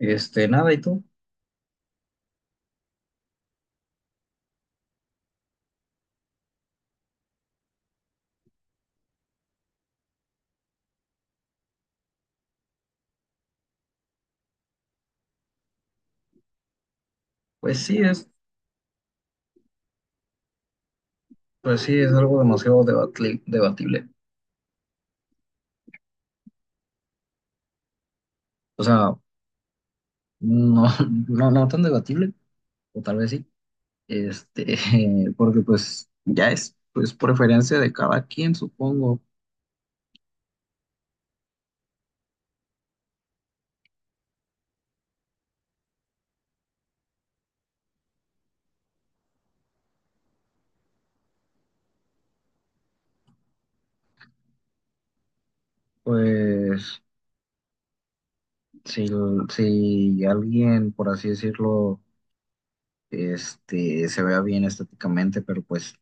Nada, ¿y tú? Pues sí, es, pues sí, es algo demasiado debatible. O sea, no, no, no tan debatible, o tal vez sí. Este, Porque pues ya es, pues preferencia de cada quien, supongo. Pues si, si alguien, por así decirlo, se vea bien estéticamente, pero pues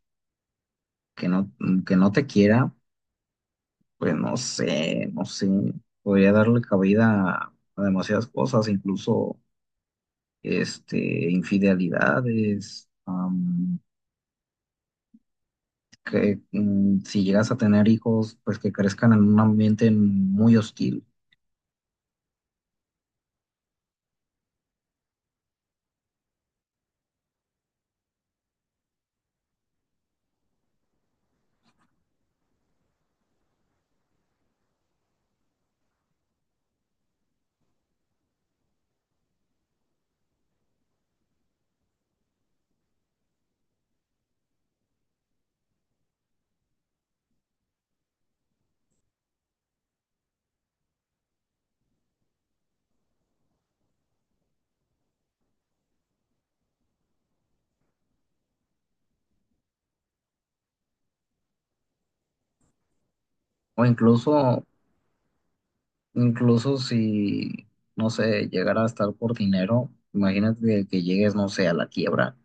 que no, que no te quiera, pues no sé, no sé. Podría darle cabida a demasiadas cosas, incluso. Infidelidades, que si llegas a tener hijos, pues que crezcan en un ambiente muy hostil, o incluso, incluso si, no sé, llegara a estar por dinero, imagínate que llegues, no sé, a la quiebra,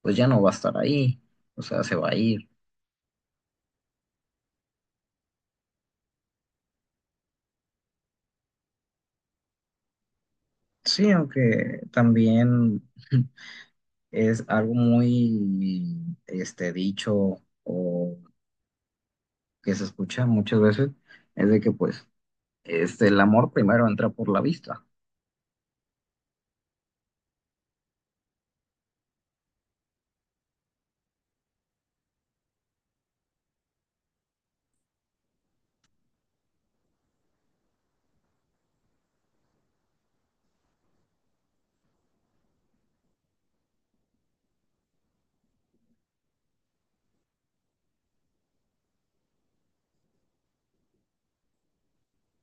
pues ya no va a estar ahí, o sea, se va a ir. Sí, aunque también es algo muy, dicho o que se escucha muchas veces, es de que pues el amor primero entra por la vista.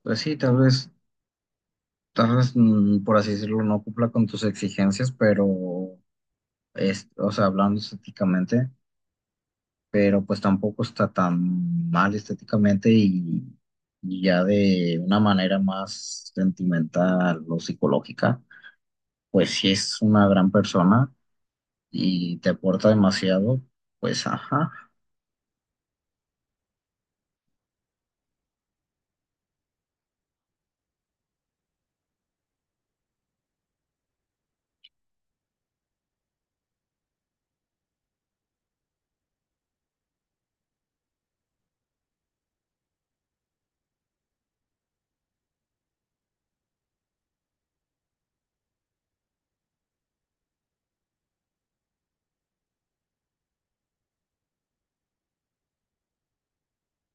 Pues sí, tal vez, por así decirlo, no cumpla con tus exigencias, pero, es, o sea, hablando estéticamente, pero pues tampoco está tan mal estéticamente y ya de una manera más sentimental o psicológica, pues si es una gran persona y te aporta demasiado, pues ajá.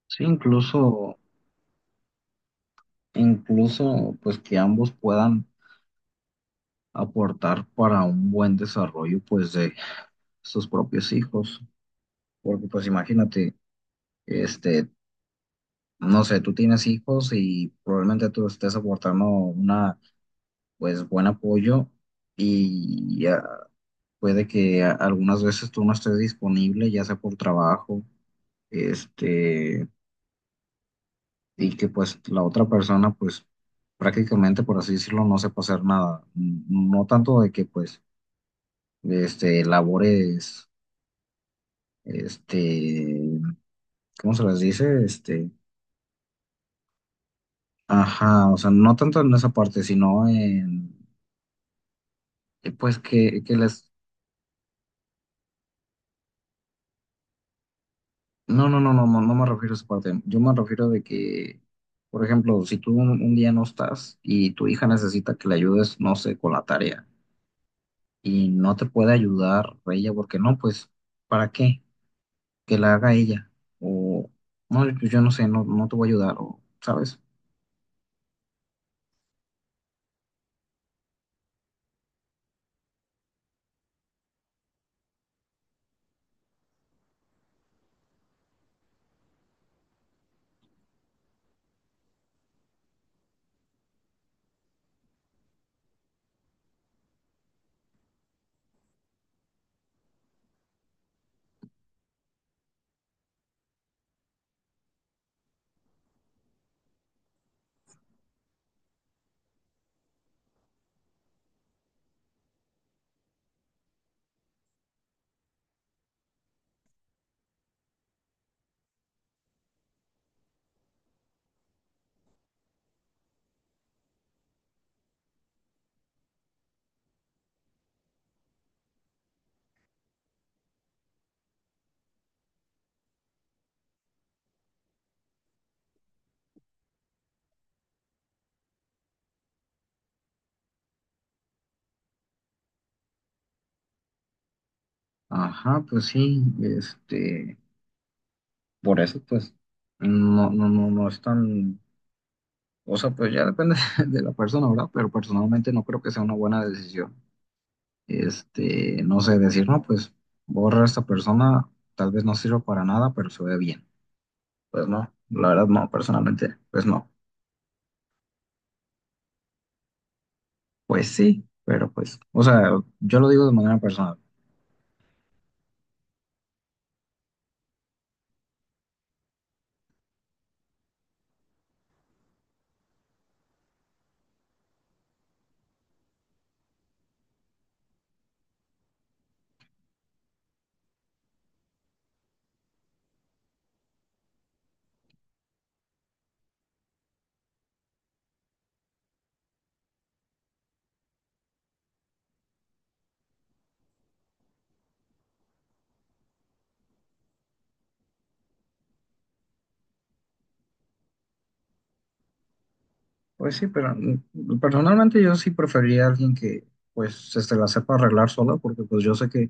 Sí, incluso, incluso, pues que ambos puedan aportar para un buen desarrollo pues de sus propios hijos. Porque pues imagínate, este, no sé, tú tienes hijos y probablemente tú estés aportando una pues buen apoyo y ya puede que algunas veces tú no estés disponible, ya sea por trabajo, este, y que pues la otra persona pues prácticamente por así decirlo no sepa hacer nada. No tanto de que pues labores este ¿cómo se las dice? Ajá, o sea, no tanto en esa parte, sino en, pues que les, no, no, no, no, no, no me refiero a esa parte, yo me refiero de que, por ejemplo, si tú un día no estás y tu hija necesita que le ayudes, no sé, con la tarea y no te puede ayudar ella, porque no, pues, ¿para qué? Que la haga ella, o, no, pues yo no sé, no, no te voy a ayudar, o, ¿sabes? Ajá, pues sí, por eso, pues, no, no, no, no es tan. O sea, pues ya depende de la persona, ¿verdad? Pero personalmente no creo que sea una buena decisión. No sé, decir, no, pues borra a esta persona, tal vez no sirva para nada, pero se ve bien. Pues no, la verdad no, personalmente, pues no. Pues sí, pero pues, o sea, yo lo digo de manera personal. Pues sí, pero personalmente yo sí preferiría a alguien que pues se la sepa arreglar sola, porque pues yo sé que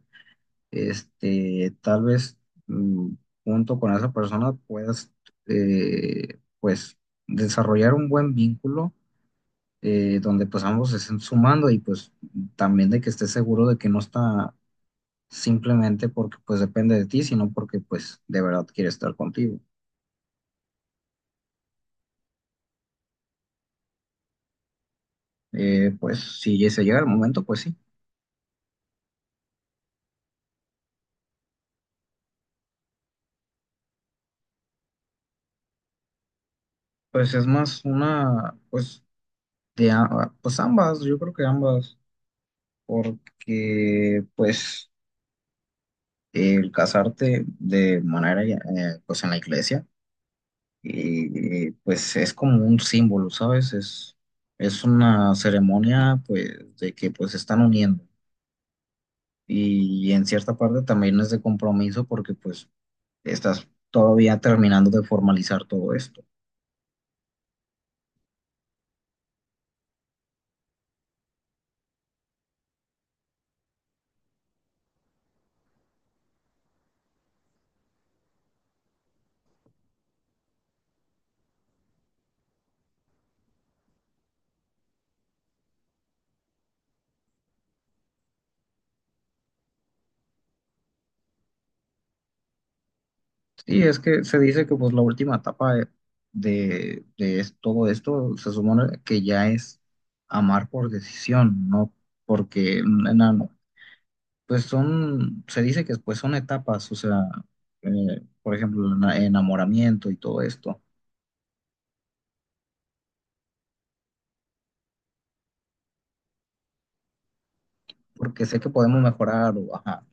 tal vez mm, junto con esa persona puedas, pues, desarrollar un buen vínculo, donde pues ambos se estén sumando y pues también de que estés seguro de que no está simplemente porque pues depende de ti, sino porque pues de verdad quiere estar contigo. Pues si se llega el momento, pues sí. Pues es más una, pues, de, pues ambas, yo creo que ambas, porque pues el casarte de manera, pues en la iglesia, y, pues es como un símbolo, ¿sabes? Es una ceremonia, pues, de que pues se están uniendo. Y, en cierta parte también es de compromiso porque pues estás todavía terminando de formalizar todo esto. Sí, es que se dice que pues la última etapa de todo esto se supone que ya es amar por decisión, no porque. Pues son, se dice que pues son etapas, o sea, por ejemplo, el enamoramiento y todo esto, porque sé que podemos mejorar o, ajá,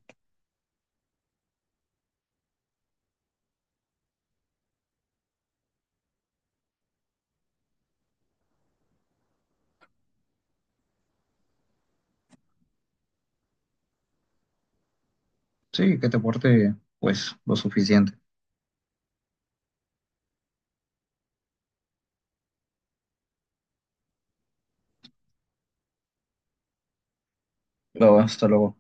sí, que te porte pues lo suficiente. No, hasta luego.